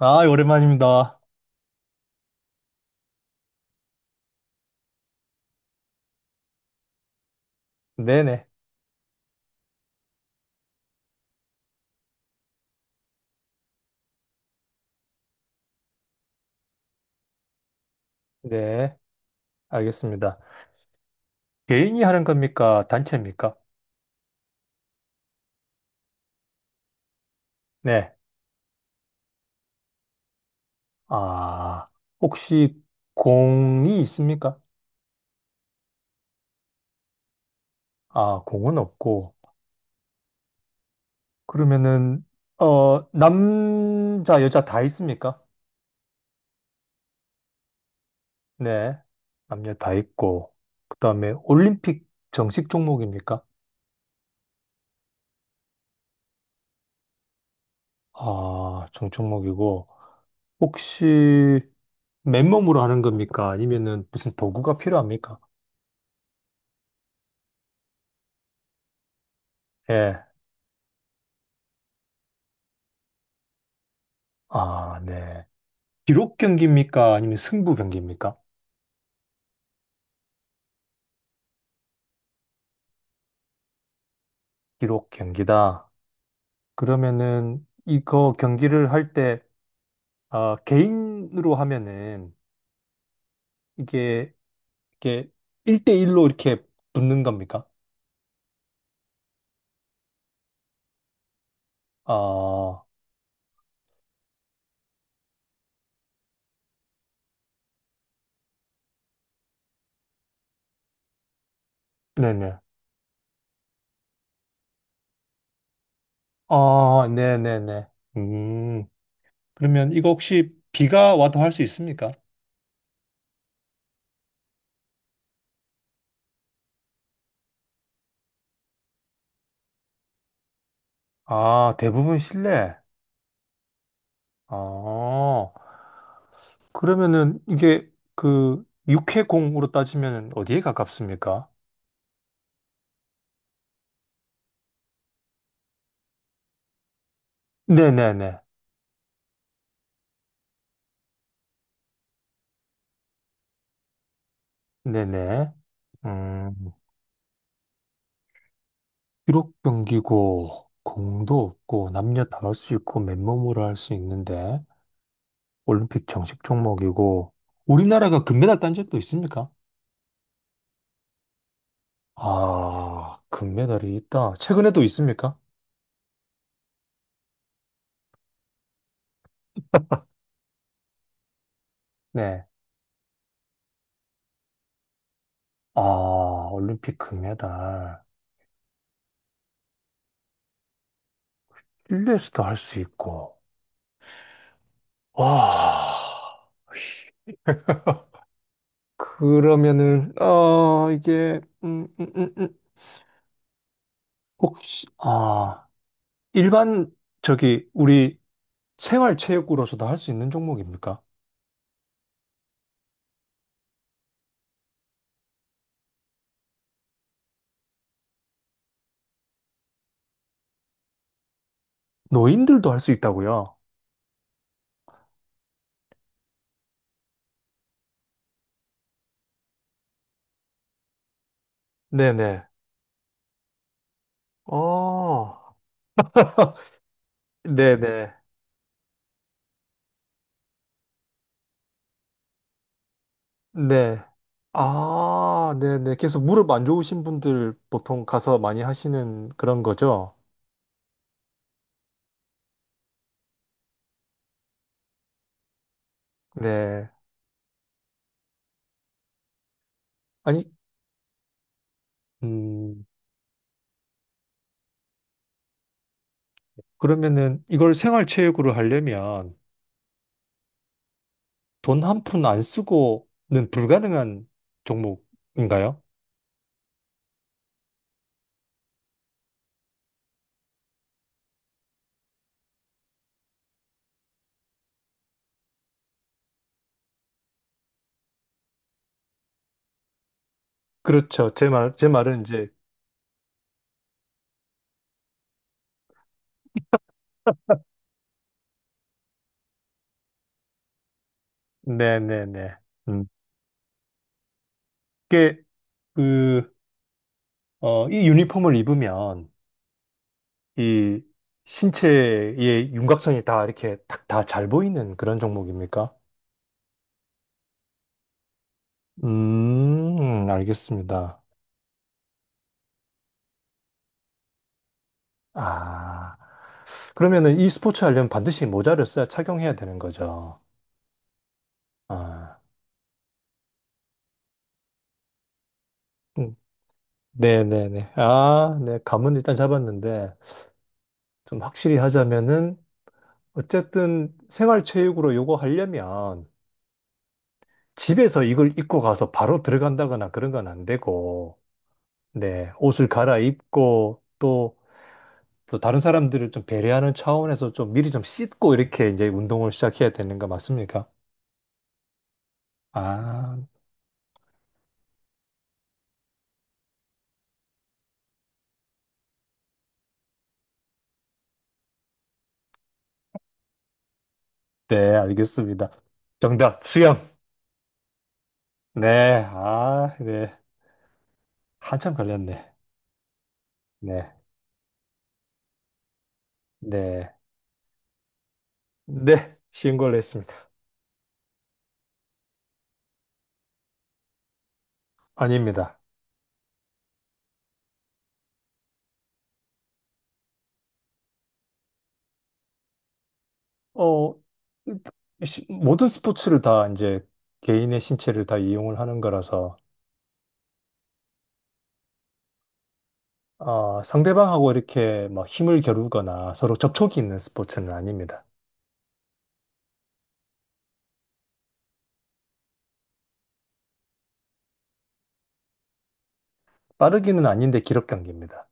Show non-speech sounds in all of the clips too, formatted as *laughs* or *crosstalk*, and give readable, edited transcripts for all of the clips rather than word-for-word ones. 아, 오랜만입니다. 네네. 네, 알겠습니다. 개인이 하는 겁니까? 단체입니까? 네. 아, 혹시 공이 있습니까? 아, 공은 없고. 그러면은, 남자, 여자 다 있습니까? 네. 남녀 다 있고. 그 다음에 올림픽 정식 종목입니까? 아, 정 종목이고. 혹시 맨몸으로 하는 겁니까? 아니면은 무슨 도구가 필요합니까? 예. 아, 네. 기록 경기입니까? 아니면 승부 경기입니까? 기록 경기다. 그러면은 이거 경기를 할 때, 아, 개인으로 하면은 이게, 이게 1대1로 이렇게 붙는 겁니까? 아, 네네. 아, 네네네. 음, 그러면 이거 혹시 비가 와도 할 수 있습니까? 아, 대부분 실내. 아, 그러면은 이게 그 육해공으로 따지면 어디에 가깝습니까? 네네네. 네네. 음, 기록 경기고, 공도 없고, 남녀 다 할 수 있고, 맨몸으로 할 수 있는데, 올림픽 정식 종목이고, 우리나라가 금메달 딴 적도 있습니까? 아, 금메달이 있다. 최근에도 있습니까? 네. 아, 올림픽 금메달. 실내에서도 할 수 있고. 와, 그러면은, 혹시, 아, 일반, 저기, 우리, 생활체육으로서도 할 수 있는 종목입니까? 노인들도 할 수 있다고요? 네네. 어, *laughs* 네네. 네. 아, 네네. 그래서 무릎 안 좋으신 분들 보통 가서 많이 하시는 그런 거죠? 네. 아니, 음, 그러면은 이걸 생활체육으로 하려면 돈 한 푼 안 쓰고는 불가능한 종목인가요? 그렇죠. 제 말은 이제, 네네네. 음. 이게, 어, 이 유니폼을 입으면 이 신체의 윤곽선이 다 이렇게 탁 다 잘 보이는 그런 종목입니까? 알겠습니다. 아, 그러면은 이 스포츠 하려면 반드시 모자를 써야 착용해야 되는 거죠. 아, 음, 네네네. 아, 네. 감은 일단 잡았는데, 좀 확실히 하자면은, 어쨌든 생활체육으로 요거 하려면, 집에서 이걸 입고 가서 바로 들어간다거나 그런 건 안 되고, 네, 옷을 갈아입고 또, 또 다른 사람들을 좀 배려하는 차원에서 좀 미리 좀 씻고 이렇게 이제 운동을 시작해야 되는 거 맞습니까? 아, 네, 알겠습니다. 정답, 수영. 네, 아, 네. 한참 걸렸네. 네, 네. 네, 쉬운 걸로 했습니다. 아닙니다. 어, 모든 스포츠를 다 이제 개인의 신체를 다 이용을 하는 거라서, 아, 상대방하고 이렇게 막 힘을 겨루거나 서로 접촉이 있는 스포츠는 아닙니다. 빠르기는 아닌데 기록 경기입니다.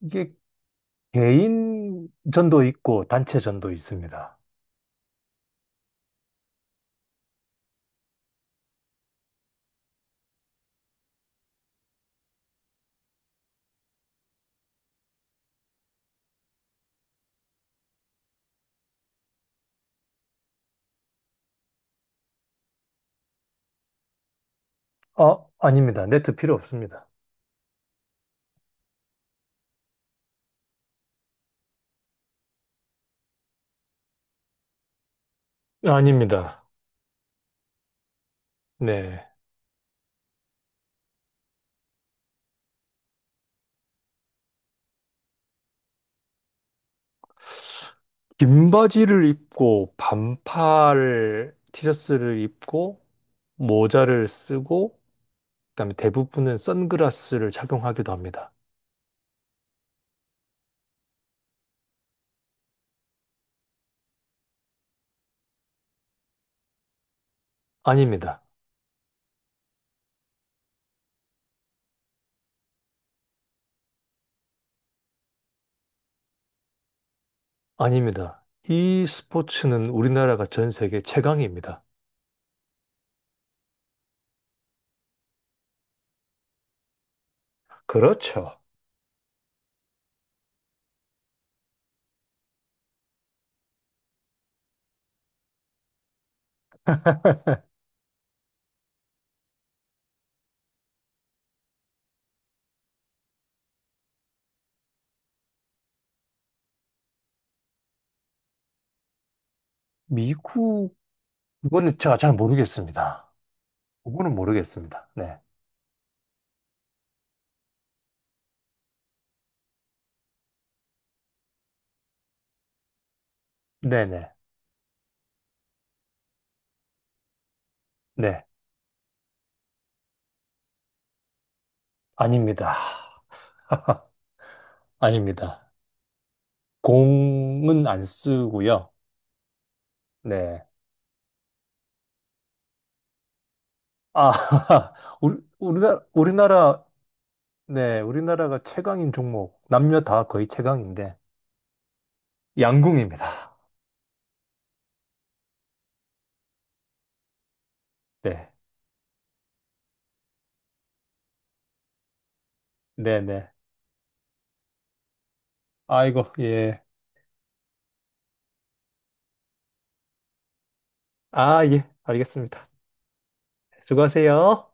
이게 개인전도 있고 단체전도 있습니다. 어, 아닙니다. 네트 필요 없습니다. 아닙니다. 네. 긴 바지를 입고 반팔 티셔츠를 입고 모자를 쓰고 그다음에 대부분은 선글라스를 착용하기도 합니다. 아닙니다. 아닙니다. 이 스포츠는 우리나라가 전 세계 최강입니다. 그렇죠. 미국, 이거는 제가 잘 모르겠습니다. 그거는 모르겠습니다. 네. 네네. 네. 아닙니다. *laughs* 아닙니다. 공은 안 쓰고요. 네. 아, *laughs* 우리나라, 네. 우리나라가 최강인 종목. 남녀 다 거의 최강인데. 양궁입니다. 네. 네네. 아이고, 예. 아, 예. 알겠습니다. 수고하세요.